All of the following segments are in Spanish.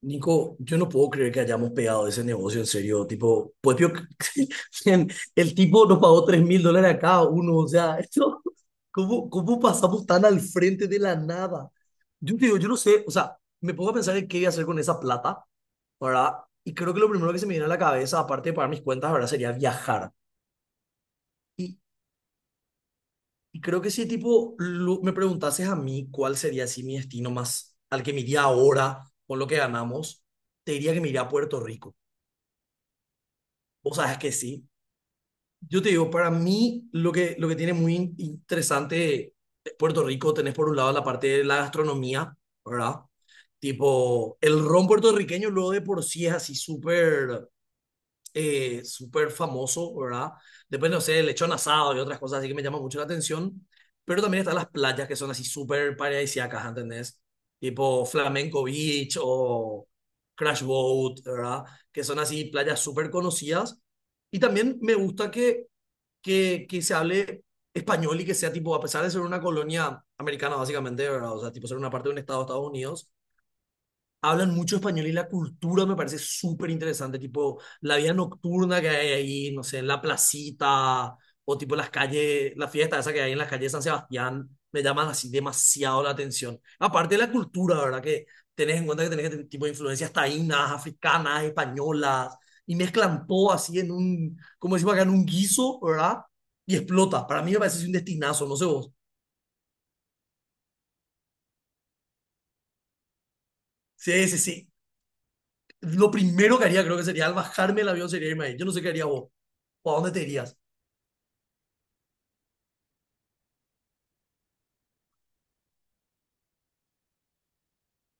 Nico, yo no puedo creer que hayamos pegado ese negocio en serio. Tipo, pues miren, el tipo nos pagó 3 mil dólares a cada uno. O sea, esto, ¿cómo pasamos tan al frente de la nada? Yo te digo, yo no sé, o sea, me pongo a pensar en qué voy a hacer con esa plata, ¿verdad? Y creo que lo primero que se me viene a la cabeza, aparte de pagar mis cuentas, ¿verdad? Sería viajar. Y, y creo que si, tipo, me preguntases a mí cuál sería así mi destino más al que me iría ahora con lo que ganamos, te diría que me iría a Puerto Rico. Vos sabes que sí. Yo te digo, para mí lo que tiene muy interesante de Puerto Rico, tenés por un lado la parte de la gastronomía, ¿verdad? Tipo, el ron puertorriqueño luego de por sí es así súper súper famoso, ¿verdad? Después, no sé, el lechón asado y otras cosas así que me llama mucho la atención. Pero también están las playas que son así súper paradisíacas, ¿entendés? Tipo Flamenco Beach o Crash Boat, ¿verdad? Que son así playas súper conocidas. Y también me gusta que se hable español y que sea tipo, a pesar de ser una colonia americana básicamente, ¿verdad? O sea, tipo ser una parte de un estado de Estados Unidos, hablan mucho español y la cultura me parece súper interesante, tipo la vida nocturna que hay ahí, no sé, en la placita o tipo las calles, la fiesta esa que hay en las calles de San Sebastián, me llaman así demasiado la atención. Aparte de la cultura, ¿verdad? Que tenés en cuenta que tenés este tipo de influencias taínas, africanas, españolas, y mezclan todo así en un, como decimos acá, en un guiso, ¿verdad? Y explota. Para mí me parece así un destinazo, no sé vos. Sí, sí, sí. Lo primero que haría creo que sería al bajarme el avión sería irme ahí. Yo no sé qué haría vos. ¿O a dónde te irías?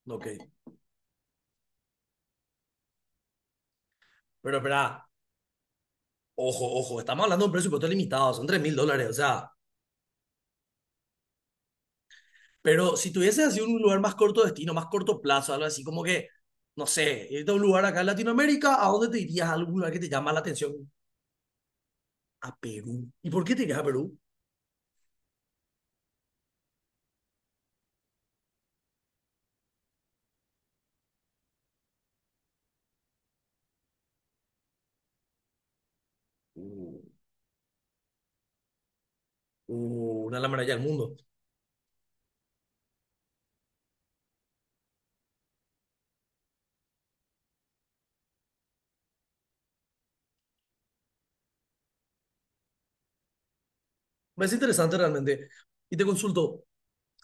Ok, pero espera, ojo, ojo, estamos hablando de un presupuesto limitado, son 3 mil dólares, o sea, pero si tuvieses así un lugar más corto destino, más corto plazo, algo así como que, no sé, irte a un lugar acá en Latinoamérica, ¿a dónde te irías? ¿A algún lugar que te llama la atención? A Perú. ¿Y por qué te irías a Perú? Uh, una de las maravillas del mundo. Me parece interesante realmente. Y te consulto,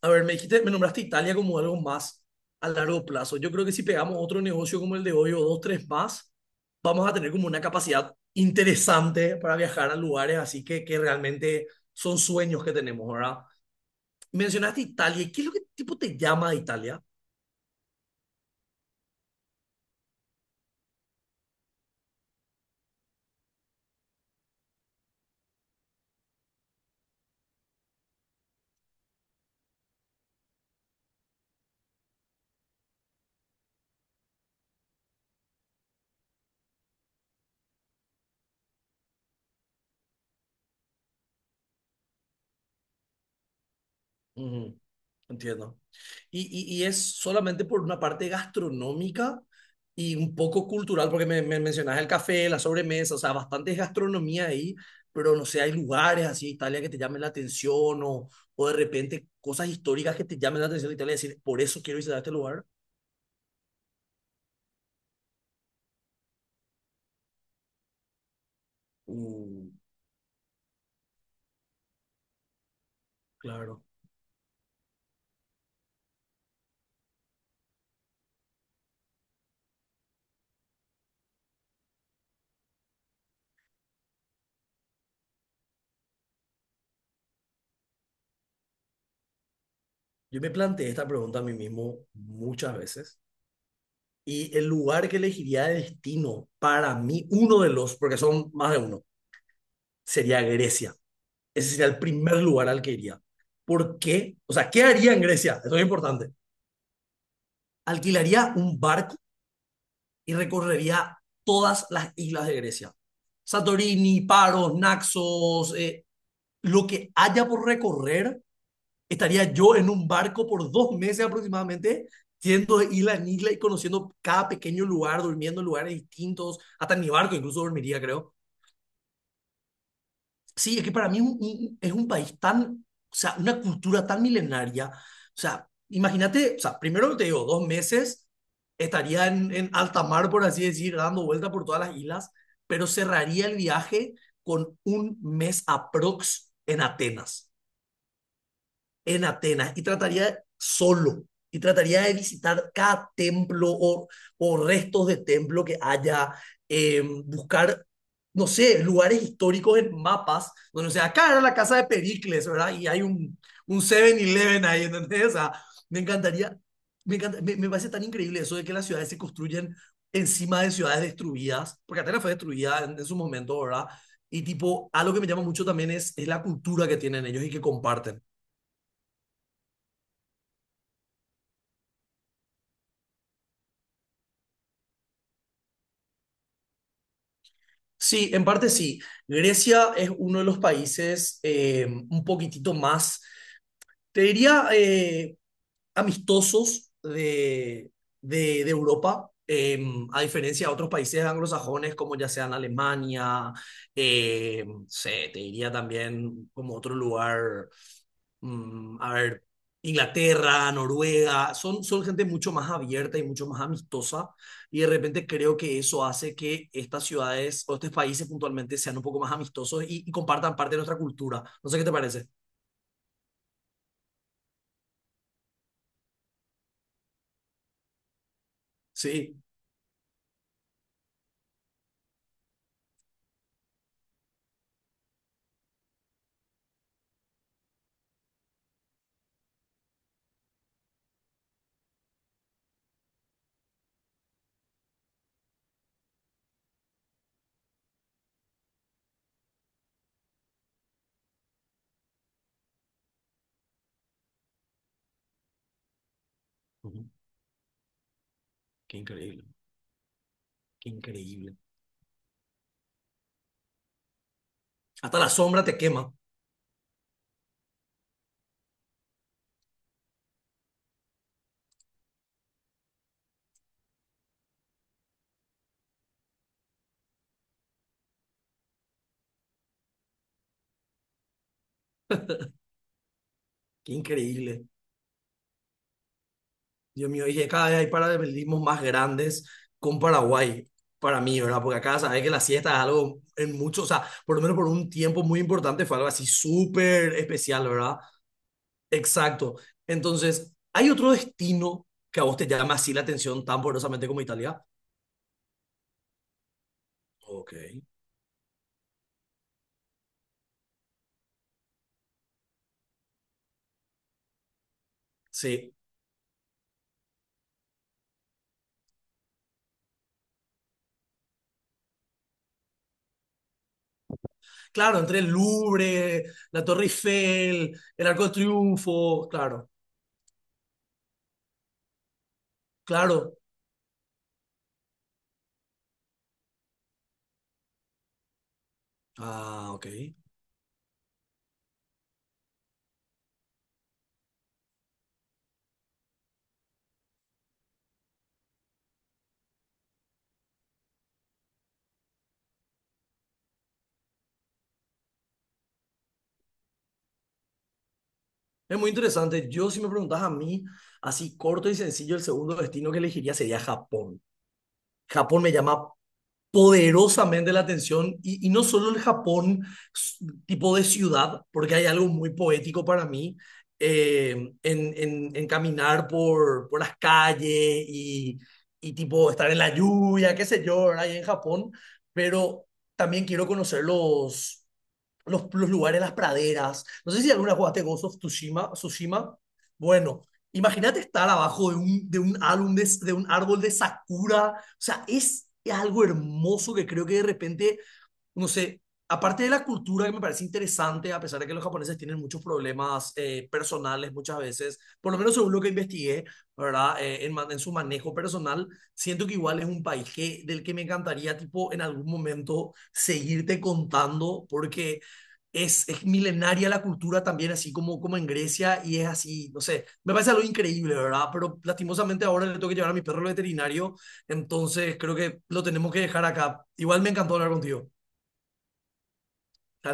a ver, me dijiste, me nombraste Italia como algo más a largo plazo. Yo creo que si pegamos otro negocio como el de hoy o dos, tres más, vamos a tener como una capacidad interesante para viajar a lugares así que realmente son sueños que tenemos, ¿verdad? Mencionaste Italia. ¿Qué es lo que tipo te llama de Italia? Ujú, entiendo. Y, y es solamente por una parte gastronómica y un poco cultural, porque me mencionas el café, la sobremesa, o sea, bastante gastronomía ahí, pero no sé, hay lugares así, Italia, que te llamen la atención o de repente cosas históricas que te llamen la atención de Italia y decir, por eso quiero visitar este lugar. Uh, claro. Yo me planteé esta pregunta a mí mismo muchas veces y el lugar que elegiría de destino para mí, uno de los, porque son más de uno, sería Grecia. Ese sería el primer lugar al que iría. ¿Por qué? O sea, ¿qué haría en Grecia? Eso es importante. Alquilaría un barco y recorrería todas las islas de Grecia. Santorini, Paros, Naxos, lo que haya por recorrer, estaría yo en un barco por dos meses aproximadamente, yendo de isla en isla y conociendo cada pequeño lugar, durmiendo en lugares distintos, hasta en mi barco incluso dormiría, creo. Sí, es que para mí es un país tan, o sea, una cultura tan milenaria. O sea, imagínate, o sea, primero te digo, dos meses estaría en alta mar, por así decir, dando vuelta por todas las islas, pero cerraría el viaje con un mes aprox en Atenas y trataría solo y trataría de visitar cada templo o restos de templo que haya, buscar, no sé, lugares históricos en mapas, donde, o sea, acá era la casa de Pericles, ¿verdad? Y hay un 7-Eleven ahí, ¿entendés? O sea, me encantaría, me parece tan increíble eso de que las ciudades se construyen encima de ciudades destruidas, porque Atenas fue destruida en su momento, ¿verdad? Y tipo, algo que me llama mucho también es la cultura que tienen ellos y que comparten. Sí, en parte sí. Grecia es uno de los países un poquitito más, te diría, amistosos de Europa, a diferencia de otros países anglosajones como ya sean Alemania, no sé, te diría también como otro lugar, a ver, Inglaterra, Noruega, son gente mucho más abierta y mucho más amistosa y de repente creo que eso hace que estas ciudades o estos países puntualmente sean un poco más amistosos y compartan parte de nuestra cultura. No sé qué te parece. Sí. Ujú. Qué increíble, qué increíble. Hasta la sombra te quema. Qué increíble. Dios mío, y que cada vez hay paralelismos más grandes con Paraguay, para mí, ¿verdad? Porque acá sabes que la siesta es algo en mucho, o sea, por lo menos por un tiempo muy importante fue algo así súper especial, ¿verdad? Exacto. Entonces, ¿hay otro destino que a vos te llama así la atención tan poderosamente como Italia? Ok. Sí. Claro, entre el Louvre, la Torre Eiffel, el Arco de Triunfo, claro, claro. Ah, ok. Es muy interesante. Yo, si me preguntas a mí, así corto y sencillo, el segundo destino que elegiría sería Japón. Japón me llama poderosamente la atención y no solo el Japón tipo de ciudad, porque hay algo muy poético para mí eh, en caminar por las calles y, y tipo estar en la lluvia, qué sé yo, ahí en Japón, pero también quiero conocer los lugares, las praderas. No sé si alguna jugaste Ghost of Tsushima, Tsushima. Bueno, imagínate estar abajo de un álbum de un árbol de sakura. O sea, es algo hermoso que creo que de repente no sé, aparte de la cultura que me parece interesante, a pesar de que los japoneses tienen muchos problemas personales muchas veces, por lo menos según lo que investigué, ¿verdad? En su manejo personal, siento que igual es un país que, del que me encantaría, tipo, en algún momento seguirte contando, porque... Es milenaria la cultura también, así como en Grecia, y es así, no sé, me parece algo increíble, ¿verdad? Pero lastimosamente ahora le tengo que llevar a mi perro al veterinario, entonces creo que lo tenemos que dejar acá. Igual me encantó hablar contigo. Está